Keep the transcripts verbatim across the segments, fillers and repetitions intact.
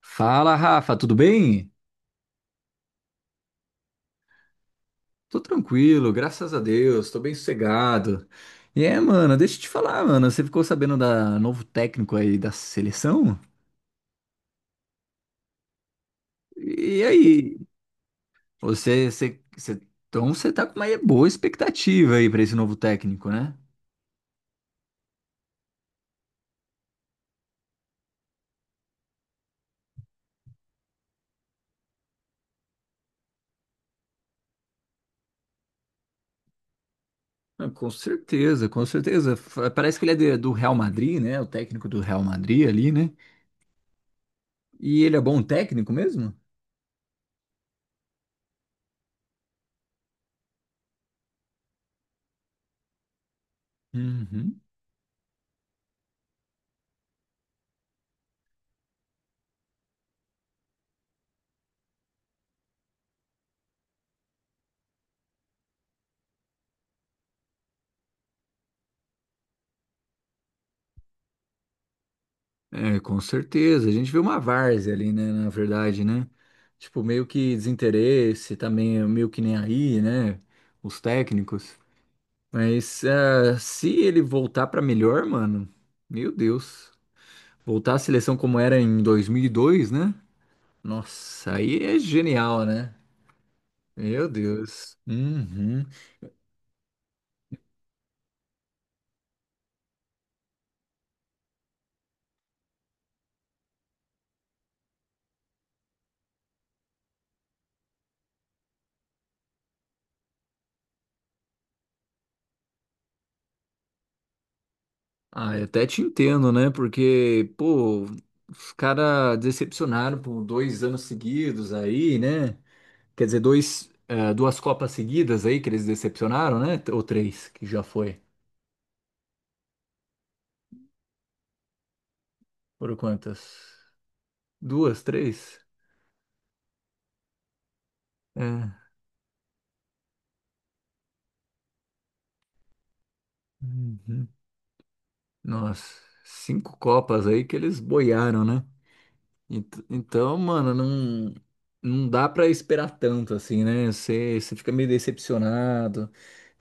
Fala, Rafa, tudo bem? Tô tranquilo, graças a Deus, tô bem sossegado. E é, mano, deixa eu te falar, mano, você ficou sabendo da novo técnico aí da seleção? E aí, você, você, você- então você tá com uma boa expectativa aí pra esse novo técnico, né? Ah, Com certeza, com certeza. F- Parece que ele é de- do Real Madrid, né? O técnico do Real Madrid ali, né? E ele é bom técnico mesmo? Uhum. É, com certeza. A gente vê uma várzea ali, né? Na verdade, né? Tipo, meio que desinteresse, também é meio que nem aí, né? Os técnicos. Mas ah, se ele voltar pra melhor, mano, meu Deus. Voltar à seleção como era em dois mil e dois, né? Nossa, aí é genial, né? Meu Deus. Uhum. Ah, eu até te entendo, né? Porque, pô, os caras decepcionaram por dois anos seguidos aí, né? Quer dizer, dois, eh, duas Copas seguidas aí que eles decepcionaram, né? Ou três, que já foi. Foram quantas? Duas, três? É. Uhum. Nossa, cinco Copas aí que eles boiaram, né? Ent- Então, mano, não, não dá pra esperar tanto assim, né? Você, você fica meio decepcionado.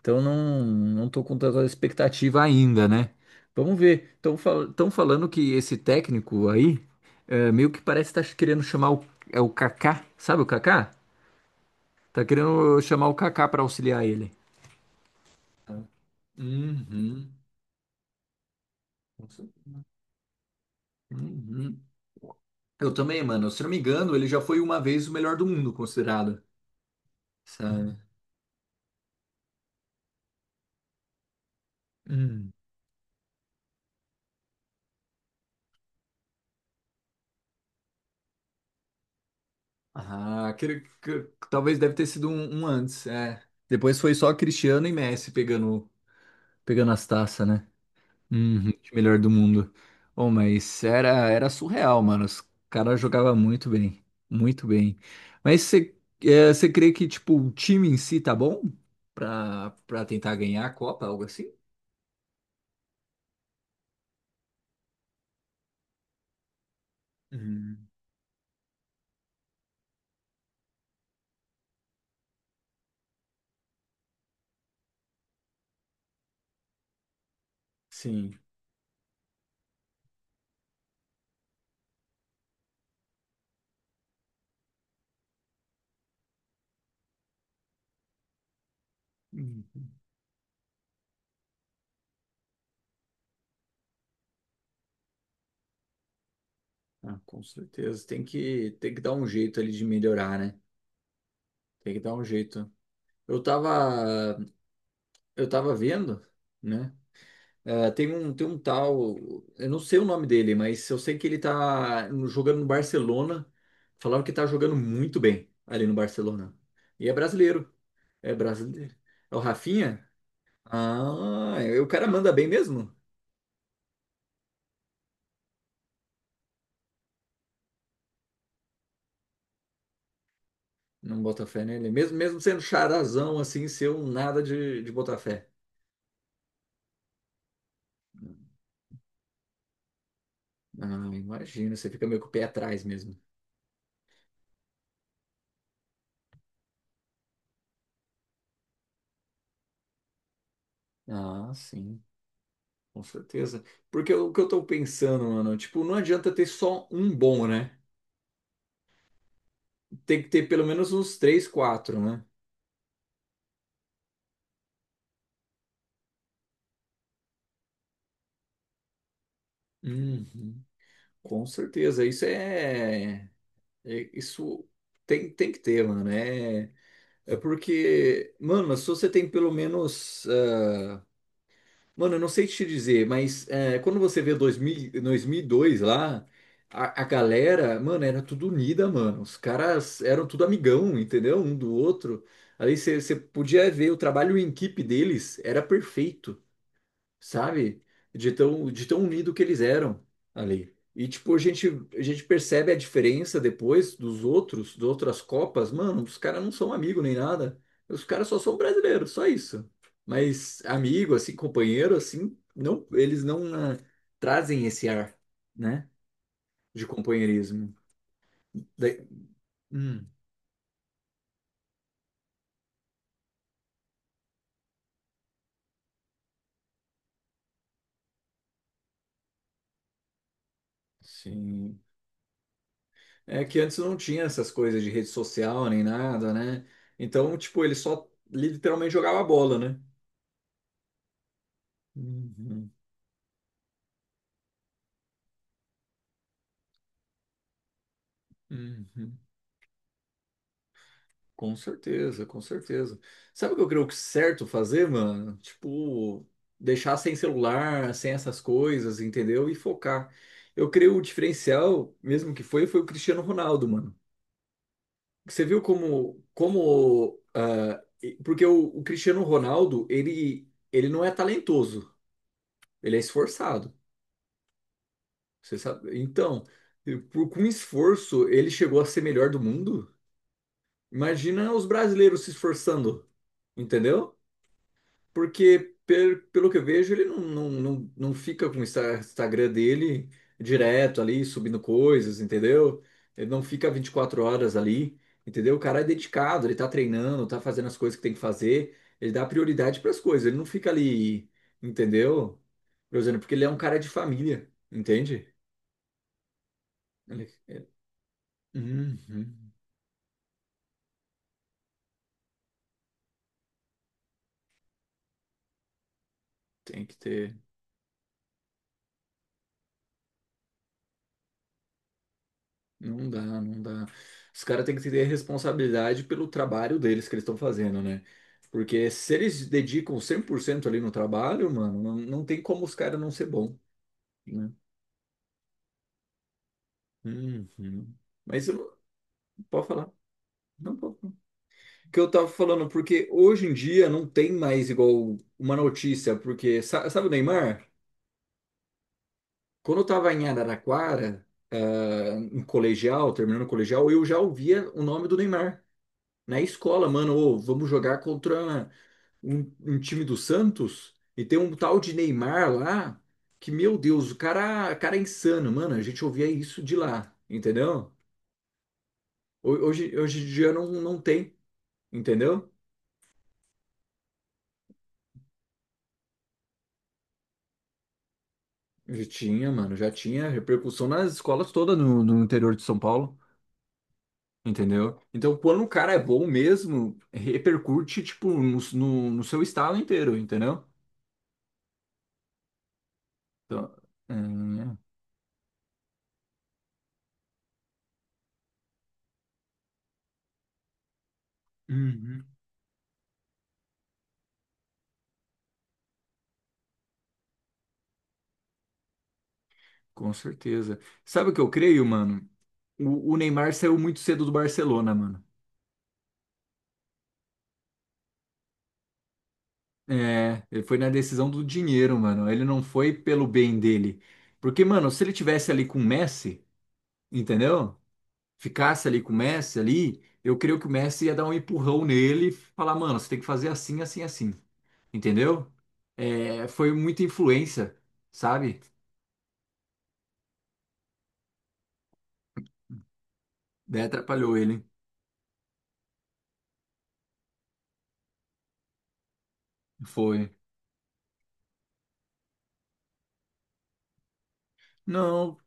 Então não, não tô com tanta expectativa ainda, né? Vamos ver. Estão fal tão falando que esse técnico aí é, meio que parece estar querendo chamar o, é o Kaká, sabe o Kaká? Tá querendo chamar o Kaká para auxiliar ele. Uhum. Uhum. Eu também, mano. Se eu não me engano, ele já foi uma vez o melhor do mundo, considerado. Sabe? Hum. Ah, aquele que- que talvez deve ter sido um, um antes, é. Depois foi só Cristiano e Messi pegando, pegando as taças, né? Uhum, de melhor do mundo. Oh, mas era, era surreal, mano. Os caras jogavam muito bem. Muito bem. Mas você é, você crê que, tipo, o time em si tá bom pra, pra tentar ganhar a Copa, algo assim? Hum, sim, hum, ah, com certeza. Tem que, tem que dar um jeito ali de melhorar, né? Tem que dar um jeito. Eu tava, eu tava vendo, né? É, tem um, tem um tal, eu não sei o nome dele, mas eu sei que ele tá jogando no Barcelona. Falaram que tá jogando muito bem ali no Barcelona. E é brasileiro. É brasileiro. É o Rafinha? Ah, e o cara manda bem mesmo? Não bota fé nele. Mesmo, mesmo sendo charazão assim, ser um nada de, de botar fé. Ah, imagina, você fica meio com o pé atrás mesmo. Ah, sim, com certeza. Porque o que eu tô pensando, mano, tipo, não adianta ter só um bom, né? Tem que ter pelo menos uns três, quatro, né? Uhum. Com certeza, isso é, é- isso tem, tem que ter, mano. É, é porque, mano, se você tem pelo menos, eh, mano, eu não sei te dizer, mas eh, quando você vê dois dois mil, dois mil e dois lá, a, a galera, mano, era tudo unida, mano. Os caras eram tudo amigão, entendeu? Um do outro. Aí você você podia ver o trabalho em equipe deles, era perfeito. Sabe? De tão, de tão unido que eles eram ali. E, tipo, a gente, a gente percebe a diferença depois dos outros, das outras Copas. Mano, os caras não são amigos nem nada. Os caras só são brasileiros, só isso. Mas amigo, assim, companheiro, assim, não, eles não ah, trazem esse ar, né? De companheirismo. Daí- hum, sim. É que antes não tinha essas coisas de rede social nem nada, né? Então, tipo, ele só literalmente jogava bola, né? Uhum, uhum. Com certeza, com certeza. Sabe o que eu creio que é certo fazer, mano? Tipo, deixar sem celular, sem essas coisas, entendeu? E focar. Eu creio o diferencial, mesmo que foi, foi o Cristiano Ronaldo, mano. Você viu como, como, ah, e- porque o, o Cristiano Ronaldo, ele, ele não é talentoso, ele é esforçado. Você sabe? Então, e por- com esforço, ele chegou a ser melhor do mundo. Imagina os brasileiros se esforçando. Entendeu? Porque, pe- pelo que eu vejo, ele não, não, não, não fica com o Insta- Instagram dele direto ali, subindo coisas, entendeu? Ele não fica vinte e quatro horas ali, entendeu? O cara é dedicado, ele tá treinando, tá fazendo as coisas que tem que fazer, ele dá prioridade pras coisas, ele não fica ali, entendeu? Por exemplo, porque ele é um cara de família, entende? Ele- ele- Uhum, tem que ter. Não dá, não dá. Os caras têm que ter responsabilidade pelo trabalho deles que eles estão fazendo, né? Porque se eles dedicam cem por cento ali no trabalho, mano, não, não tem como os caras não ser bom, né? Uhum. Mas eu, pode falar. Não, pode falar. Que eu tava falando, porque hoje em dia não tem mais igual uma notícia, porque sa- sabe o Neymar? Quando eu tava em Araraquara, ah, em colegial, terminando o colegial, eu já ouvia o nome do Neymar. Na escola, mano, ô, vamos jogar contra, um, um time do Santos e tem um tal de Neymar lá que, meu Deus, o cara, o cara é insano, mano. A gente ouvia isso de lá, entendeu? Ho- Hoje, hoje em dia não, não tem, entendeu? Já tinha, mano, já tinha repercussão nas escolas todas no, no interior de São Paulo, entendeu? Então, quando o cara é bom mesmo, repercute, tipo, no, no, no seu estado inteiro, entendeu? Então, é, uhum, com certeza. Sabe o que eu creio, mano? O, o Neymar saiu muito cedo do Barcelona, mano. É, ele foi na decisão do dinheiro, mano. Ele não foi pelo bem dele. Porque, mano, se ele tivesse ali com o Messi, entendeu? Ficasse ali com o Messi ali, eu creio que o Messi ia dar um empurrão nele e falar, mano, você tem que fazer assim, assim, assim. Entendeu? É, foi muita influência, sabe? Daí atrapalhou ele. Foi. Não,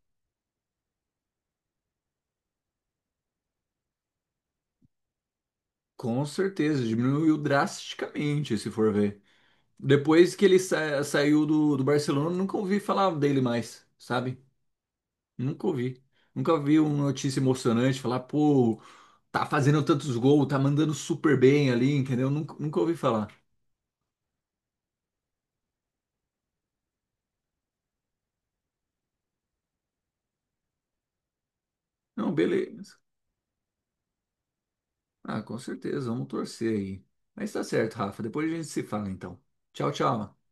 com certeza, diminuiu drasticamente, se for ver. Depois que ele sa- saiu do, do Barcelona, eu nunca ouvi falar dele mais, sabe? Nunca ouvi. Nunca vi uma notícia emocionante falar, pô, tá fazendo tantos gols, tá mandando super bem ali, entendeu? Nunca, nunca ouvi falar. Não, beleza. Ah, com certeza, vamos torcer aí. Mas tá certo, Rafa. Depois a gente se fala então. Tchau, tchau.